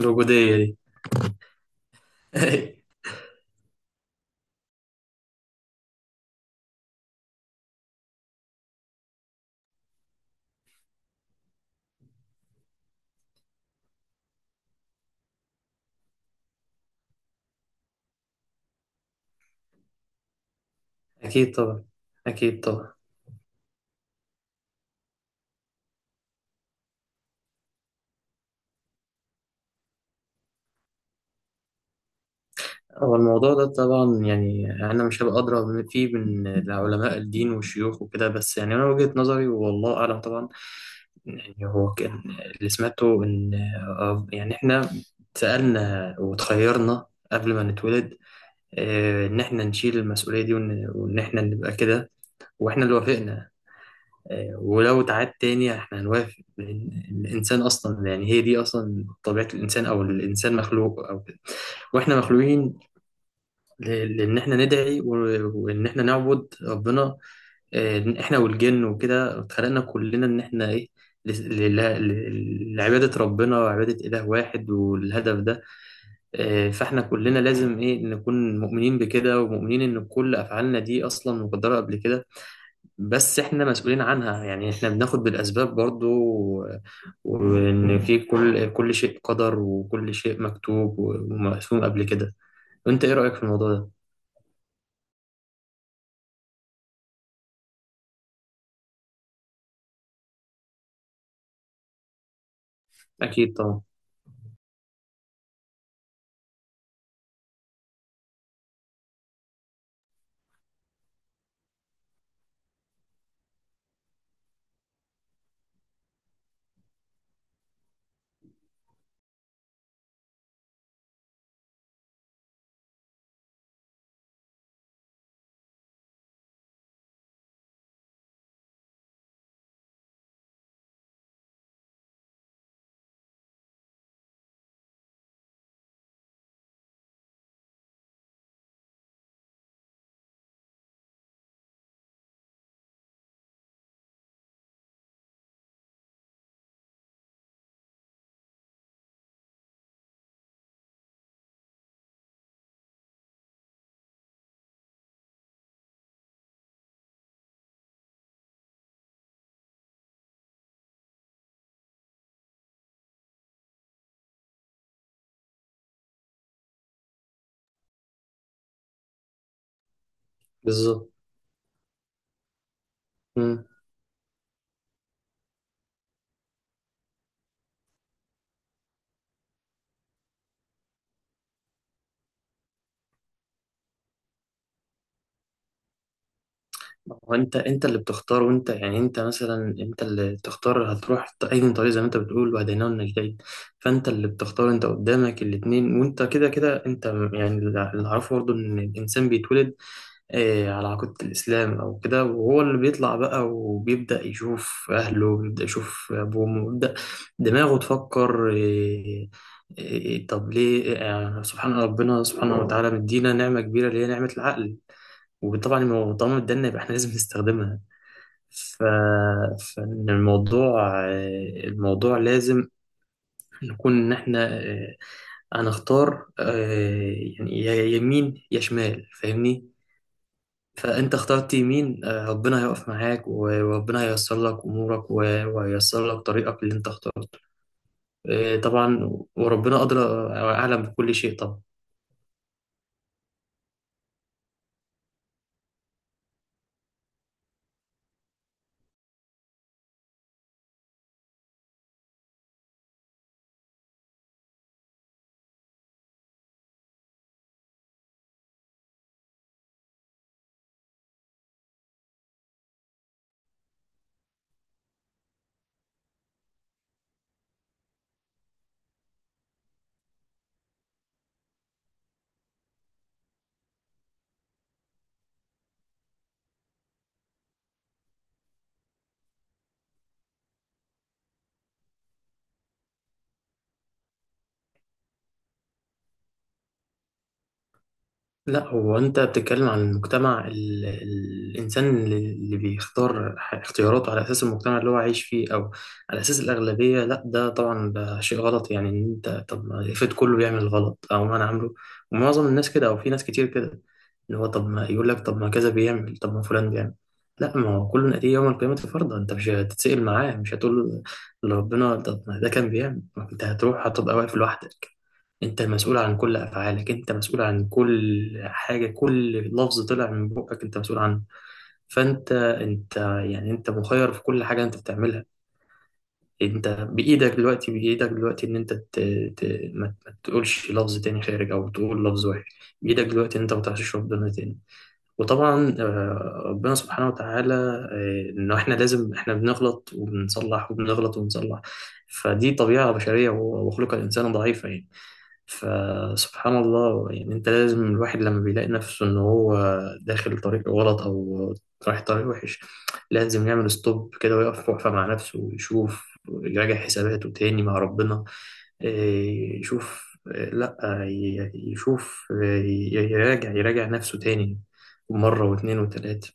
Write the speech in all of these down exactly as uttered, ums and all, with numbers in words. الوجودية دي. أكيد طبعا. أكيد طبعا. هو الموضوع ده طبعا يعني أنا مش هبقى أدرى من- فيه من العلماء الدين والشيوخ وكده، بس يعني أنا وجهة نظري والله أعلم طبعا. يعني هو كان اللي سمعته إن آه، يعني إحنا سألنا وتخيرنا قبل ما نتولد. آه، إن إحنا نشيل المسؤولية دي وإن وإن إحنا نبقى كده، وإحنا اللي وافقنا. آه، ولو اتعاد تاني احنا هنوافق، لأن الإنسان أصلا يعني هي دي أصلا طبيعة الإنسان أو الإنسان مخلوق أو كده، واحنا مخلوقين ل- لان احنا ندعي و- وان احنا نعبد ربنا. آه، احنا والجن وكده اتخلقنا كلنا ان احنا ايه ل- ل- ل- لعبادة ربنا وعبادة إله واحد والهدف ده. آه، فاحنا كلنا لازم ايه نكون مؤمنين بكده ومؤمنين ان كل افعالنا دي اصلا مقدرة قبل كده، بس احنا مسؤولين عنها، يعني احنا بناخد بالاسباب برضو و- وان في كل كل شيء قدر، وكل شيء مكتوب ومقسوم قبل كده. انت ايه رايك في الموضوع ده؟ اكيد طبعا. بالظبط. مم. وانت انت اللي بتختار، وانت يعني انت مثلا انت اللي تختار هتروح ت- اي طريق، زي ما انت بتقول وهديناه النجدين. فانت اللي بتختار، انت قدامك الاتنين، وانت كده كده انت م- يعني اللي اعرفه برضه ان الانسان بيتولد إيه، على عقيدة الإسلام أو كده، وهو اللي بيطلع بقى وبيبدأ يشوف أهله، بيبدأ يشوف أبوه وأمه، بيبدأ دماغه تفكر إيه. إيه طب ليه إيه سبحان ربنا سبحانه وتعالى مدينا نعمة كبيرة اللي هي نعمة العقل. وطبعا المو- طالما ادانا يبقى احنا لازم نستخدمها. ف... فإن الموضوع إيه، الموضوع لازم نكون إن احنا إيه، هنختار إيه، يعني يا يمين يا شمال، فاهمني؟ فانت اخترت يمين. آه، ربنا هيقف معاك و- وربنا هييسر لك امورك و- وهييسر لك طريقك اللي انت اخترته. آه، طبعا. وربنا ادرى واعلم بكل شيء طبعا. لا، هو انت بتتكلم عن المجتمع، ال... ال- الانسان اللي اللي بيختار ح- اختياراته على اساس المجتمع اللي هو عايش فيه او على اساس الاغلبيه؟ لا، ده طبعا ده شيء غلط، يعني ان انت طب ما افرض كله بيعمل الغلط، او ما انا عامله ومعظم الناس كده، او في ناس كتير كده، ان هو طب ما يقول لك طب ما كذا بيعمل طب ما فلان بيعمل. لا، ما هو كل ناتيه يوم القيامه، فرضا انت مش هتتسأل معاه، مش هتقول لربنا طب ما ده كان بيعمل. ما انت هتروح هتبقى واقف لوحدك. انت مسؤول عن كل افعالك، انت مسؤول عن كل حاجه، كل لفظ طلع من بقك انت مسؤول عنه. فانت انت يعني انت مخير في كل حاجه انت بتعملها. انت بايدك دلوقتي، بايدك دلوقتي ان انت ت... ت... ما... ما تقولش لفظ تاني خارج، او تقول لفظ وحش. بايدك دلوقتي ان انت ما تحشش ربنا تاني. وطبعا آه، ربنا سبحانه وتعالى، آه، انه احنا لازم، احنا بنغلط وبنصلح وبنغلط وبنصلح، فدي طبيعه بشريه، وخلق الانسان ضعيفه يعني. فسبحان الله، يعني انت لازم، الواحد لما بيلاقي نفسه ان هو داخل طريق غلط او رايح طريق وحش، لازم يعمل ستوب كده، ويقف وقفة مع نفسه، ويشوف، يراجع حساباته تاني مع ربنا. إيه، يشوف، إيه، لا ي- يشوف، إيه، ي- يراجع يراجع نفسه تاني، مرة واتنين وتلاتة.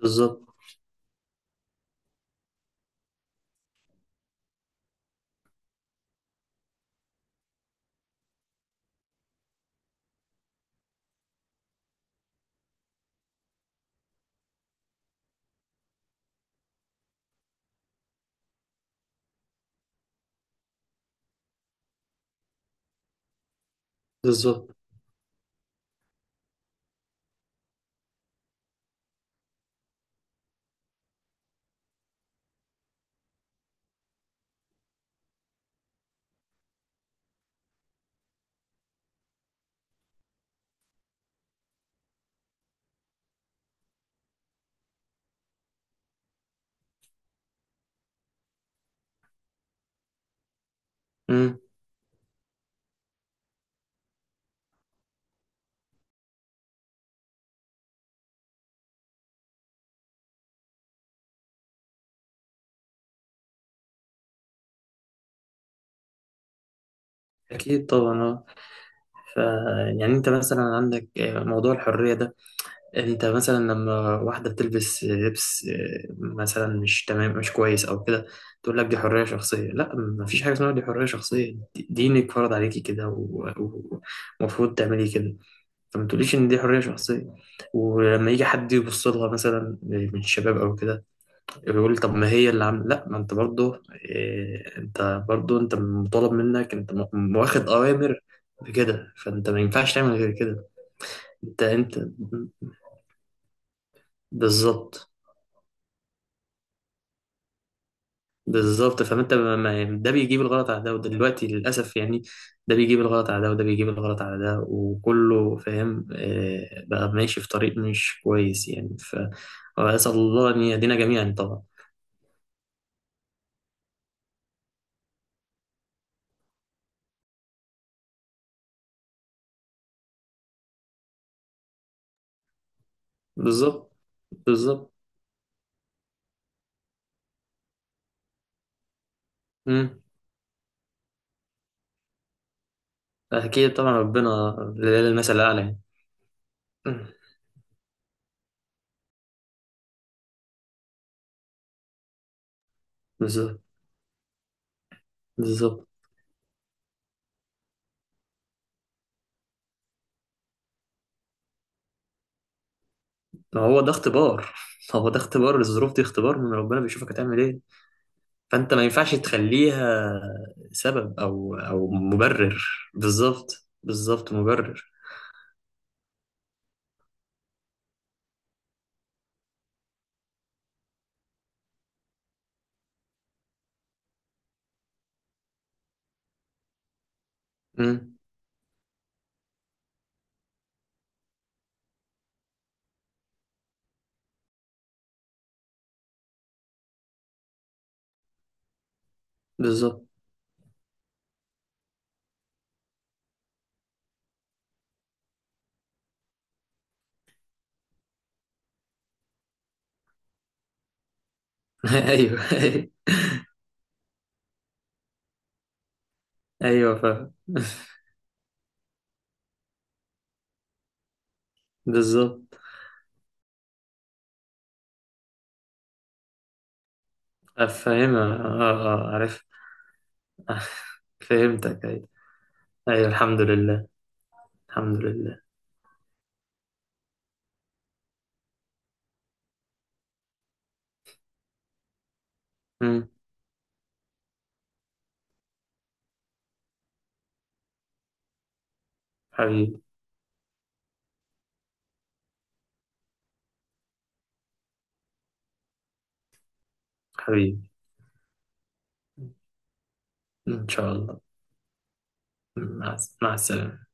بالظبط. بالظبط. مم. أكيد طبعا. اه. ف يعني أنت مثلا عندك آه، موضوع الحرية ده، انت مثلا لما واحدة بتلبس لبس آه، مثلا مش تمام، مش كويس او كده، تقول لك دي حرية شخصية. لا، مفيش حاجة اسمها دي حرية شخصية، دي- دينك فرض عليكي كده، و- ومفروض تعملي كده. فما تقوليش ان دي حرية شخصية. ولما يجي حد يبص لها مثلا من الشباب او كده، يقول طب ما هي اللي عامله، لا، ما انت برضه إيه، انت برضه انت مطالب منك، انت م- واخد اوامر بكده، فانت ما ينفعش تعمل غير كده. انت انت. بالظبط. بالظبط. فانت ما ما- يعني ده بيجيب الغلط على ده وده، دلوقتي للاسف يعني ده بيجيب الغلط على ده، وده بيجيب الغلط على ده، وكله فاهم. آه، بقى ماشي في طريق مش كويس يعني. ف واسال الله ان يهدينا جميعا طبعا. بالظبط. بالظبط. امم. اكيد طبعا. ربنا لله المثل الاعلى يعني. مم. بالظبط. بالظبط. ما هو ده اختبار. هو ده اختبار. الظروف دي اختبار من ربنا، بيشوفك هتعمل ايه. فانت ما ينفعش تخليها سبب او او مبرر. بالظبط. بالظبط. مبرر. امم. بالظبط. ايوه. ايوه فاهم. بالظبط. فاهمها اه. اه عارف. فهمتك ايوه. ايوه الحمد لله. الحمد لله. امم. حبيبي. حبيبي. ان شاء الله. مع مع السلامة.